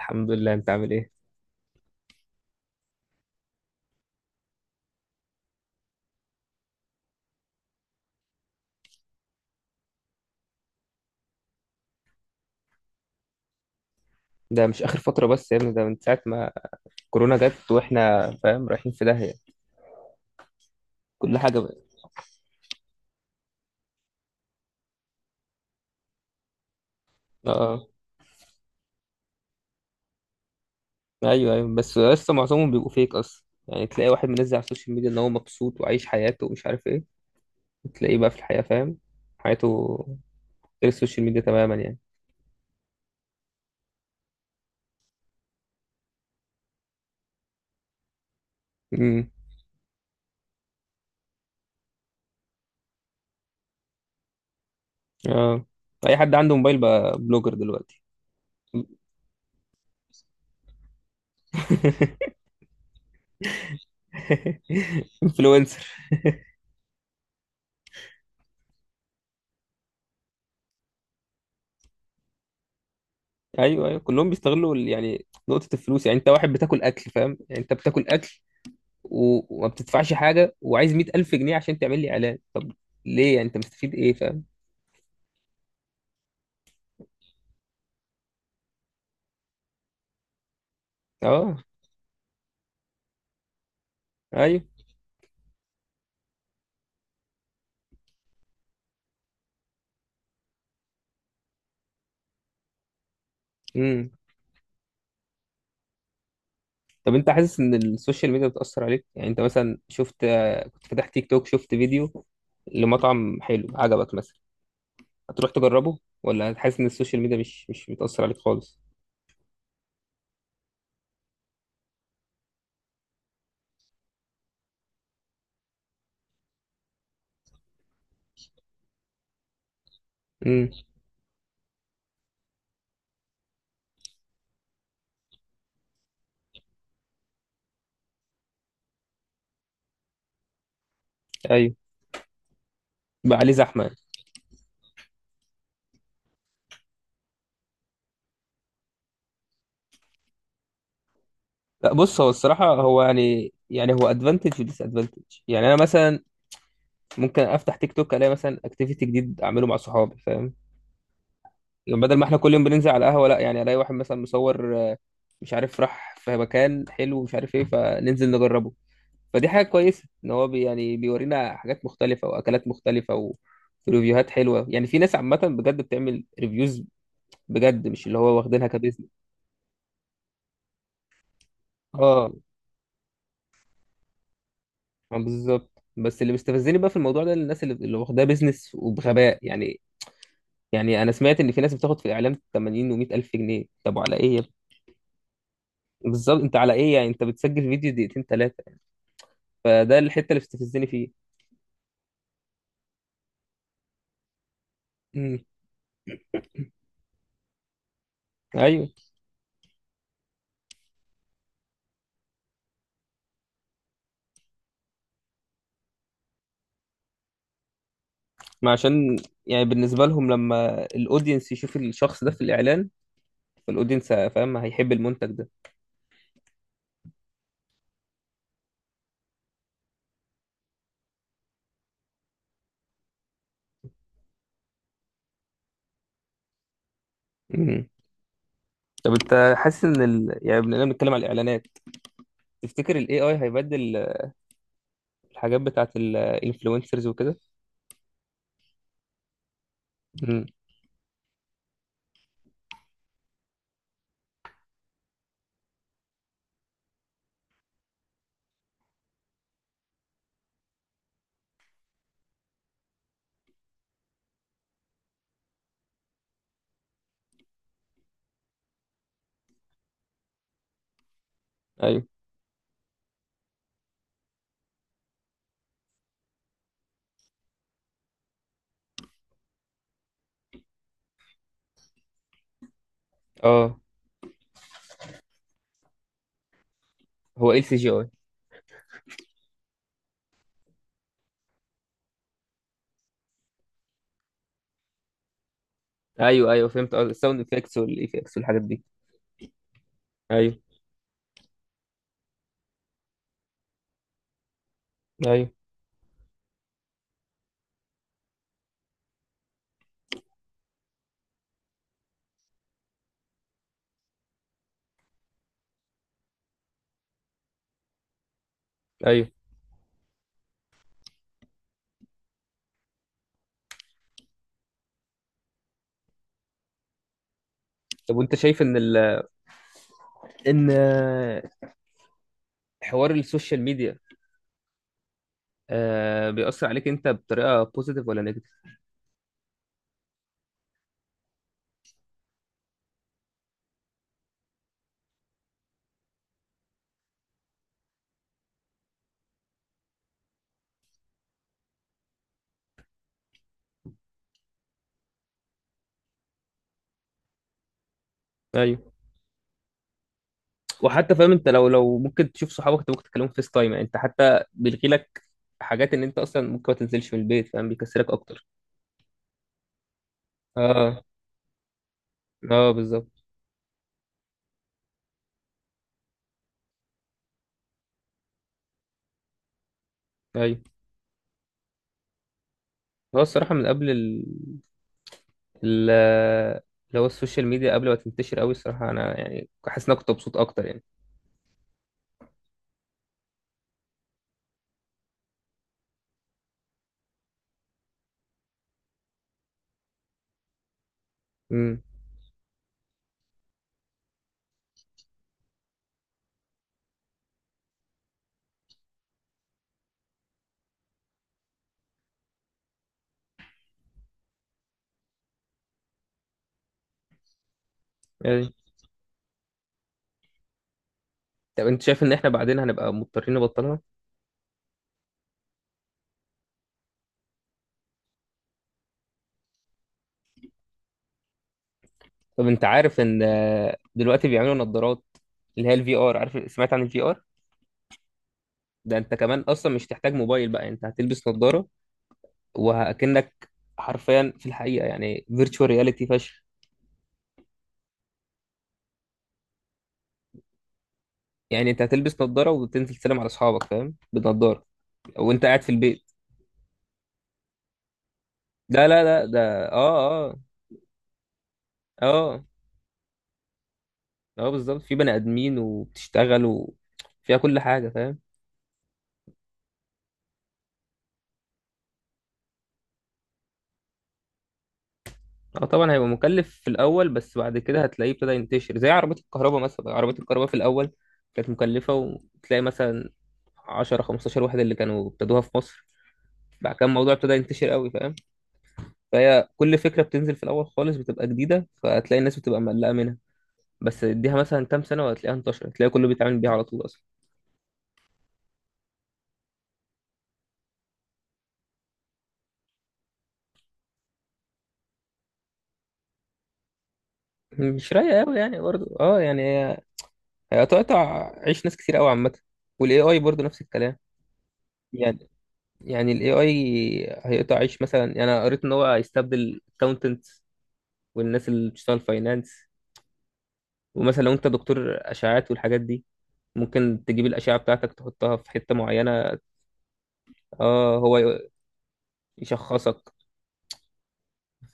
الحمد لله. انت عامل ايه؟ ده مش اخر فتره بس يا ابني، ده من ساعه ما كورونا جت واحنا فاهم رايحين في داهيه. كل حاجه بقى. اه، آه. ايوه، ايوه، بس لسه معظمهم بيبقوا فيك اصلا. يعني تلاقي واحد منزل على السوشيال ميديا ان هو مبسوط وعايش حياته ومش عارف ايه، تلاقيه بقى في الحياه، فاهم، حياته غير السوشيال ميديا تماما يعني. امم. اه، اي حد عنده موبايل بقى بلوجر دلوقتي. انفلونسر. ايوه، ايوه، كلهم بيستغلوا يعني نقطه الفلوس. يعني انت واحد بتاكل اكل، فاهم، يعني انت بتاكل اكل وما بتدفعش حاجة وعايز 100 ألف جنيه عشان تعمل لي إعلان. طب ليه؟ يعني أنت مستفيد إيه، فاهم. أه، أيوه. امم. طب أنت حاسس إن السوشيال ميديا بتأثر عليك؟ يعني أنت مثلا شفت، كنت فاتح تيك توك شفت فيديو لمطعم حلو عجبك مثلا، هتروح تجربه؟ ولا هتحس إن السوشيال ميديا مش بتأثر عليك خالص؟ امم، أيوه. بقى عليه زحمة يعني. لا، بص، هو الصراحة هو يعني هو ادفانتج وديس ادفانتج. يعني انا مثلا ممكن افتح تيك توك، الاقي مثلا اكتيفيتي جديد اعمله مع صحابي، فاهم. بدل ما احنا كل يوم بننزل على القهوة، لا يعني الاقي واحد مثلا مصور، مش عارف راح في مكان حلو ومش عارف ايه، فننزل نجربه. فدي حاجة كويسة ان هو يعني بيورينا حاجات مختلفة واكلات مختلفة وريفيوهات حلوة. يعني في ناس عامة بجد بتعمل ريفيوز بجد، مش اللي هو واخدينها كبزنس. اه، آه، بالظبط. بس اللي مستفزني بقى في الموضوع ده الناس اللي واخداه بزنس وبغباء يعني. يعني انا سمعت ان في ناس بتاخد في الاعلام 80 و100 الف جنيه. طب على ايه يا ابني؟ بالظبط، انت على ايه؟ يعني انت بتسجل فيديو دقيقتين ثلاثة، فده الحته اللي بتستفزني فيه. امم، ايوه. ما عشان يعني بالنسبه لهم، لما الاودينس يشوف الشخص ده في الاعلان، فالاودينس فاهم هيحب المنتج ده. مم. طب انت حاسس ان يعني بما اننا بنتكلم على الاعلانات، تفتكر الاي اي هيبدل الحاجات بتاعت الانفلونسرز وكده؟ امم، ايوه، اه. هو ايه السي جي اي؟ ايوه، ايوه، فهمت. اه، الساوند افكتس والايفكتس والحاجات دي. ايوه، ايوه، ايوه. طب وانت شايف ان ان حوار السوشيال ميديا بيأثر عليك انت بطريقه بوزيتيف ولا نيجاتيف؟ ايوه. وحتى فاهم، انت لو ممكن تشوف صحابك، انت ممكن تكلمهم فيس تايم. يعني انت حتى بيلغي لك حاجات ان انت اصلا ممكن ما تنزلش من البيت، فاهم، بيكسلك اكتر. اه، اه، بالظبط. ايوه، هو الصراحه من قبل ال اللي هو السوشيال ميديا، قبل ما تنتشر قوي، الصراحه انا يعني حاسس ان انا كنت مبسوط اكتر يعني. امم، ايوه. طب انت شايف ان احنا بعدين هنبقى مضطرين نبطلها؟ طب انت عارف ان دلوقتي بيعملوا نظارات اللي هي الفي ار، عارف، سمعت عن الفي ار؟ ده انت كمان اصلا مش تحتاج موبايل بقى، انت هتلبس نظارة وهكنك حرفيا في الحقيقة، يعني فيرتشوال رياليتي فشخ. يعني انت هتلبس نظارة وتنزل تسلم على اصحابك، فاهم، بنضارة وانت قاعد في البيت. لا، لا، لا، ده اه، اه. اه، اه، بالظبط. في بني ادمين وبتشتغل وفيها كل حاجة، فاهم. اه، طبعا هيبقى مكلف في الاول، بس بعد كده هتلاقيه ابتدى ينتشر زي عربية الكهرباء مثلا. عربية الكهرباء في الاول كانت مكلفة وتلاقي مثلا 10 15 واحد اللي كانوا ابتدوها في مصر. بعد كده الموضوع ابتدى ينتشر قوي، فاهم. فهي كل فكره بتنزل في الاول خالص بتبقى جديده، فهتلاقي الناس بتبقى مقلقه منها. بس اديها مثلا كام سنه وهتلاقيها انتشرت، هتلاقي كله بيتعامل بيها على طول اصلا. مش رايقه قوي يعني برضه. اه يعني هي هتقطع عيش ناس كتير قوي عامه. والاي اي برضه نفس الكلام. يعني يعني الاي اي هيقطع عيش مثلا. يعني انا قريت ان هو هيستبدل الكاونتنت والناس اللي بتشتغل فاينانس. ومثلا لو انت دكتور اشعاعات والحاجات دي، ممكن تجيب الاشعه بتاعتك تحطها في حته معينه. اه، هو يشخصك.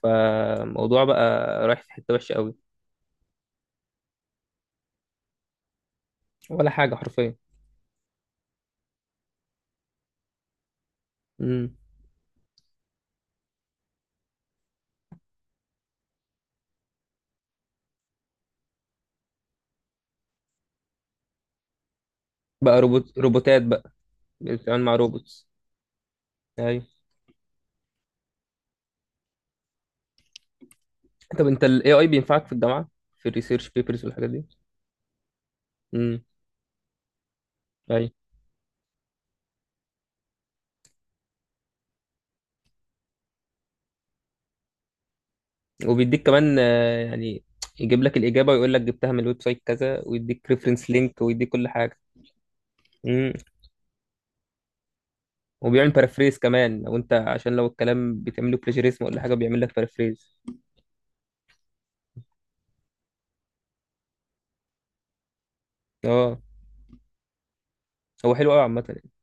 فالموضوع بقى رايح في حتة وحشة قوي. ولا حاجة حرفيا. امم. بقى روبوت روبوتات بقى. بتتعامل مع روبوتس. ايوه، طب انت ال AI بينفعك في الجامعة، في الريسيرش بيبرز والحاجات دي؟ امم، ايوه. وبيديك كمان، يعني يجيب لك الإجابة ويقول لك جبتها من الويب سايت كذا، ويديك ريفرنس لينك ويديك كل حاجة. امم. وبيعمل بارافريز كمان لو انت عشان لو الكلام بتعمله بلاجيريزم ولا حاجة، بيعمل لك بارافريز. اه، هو حلو قوي عامة.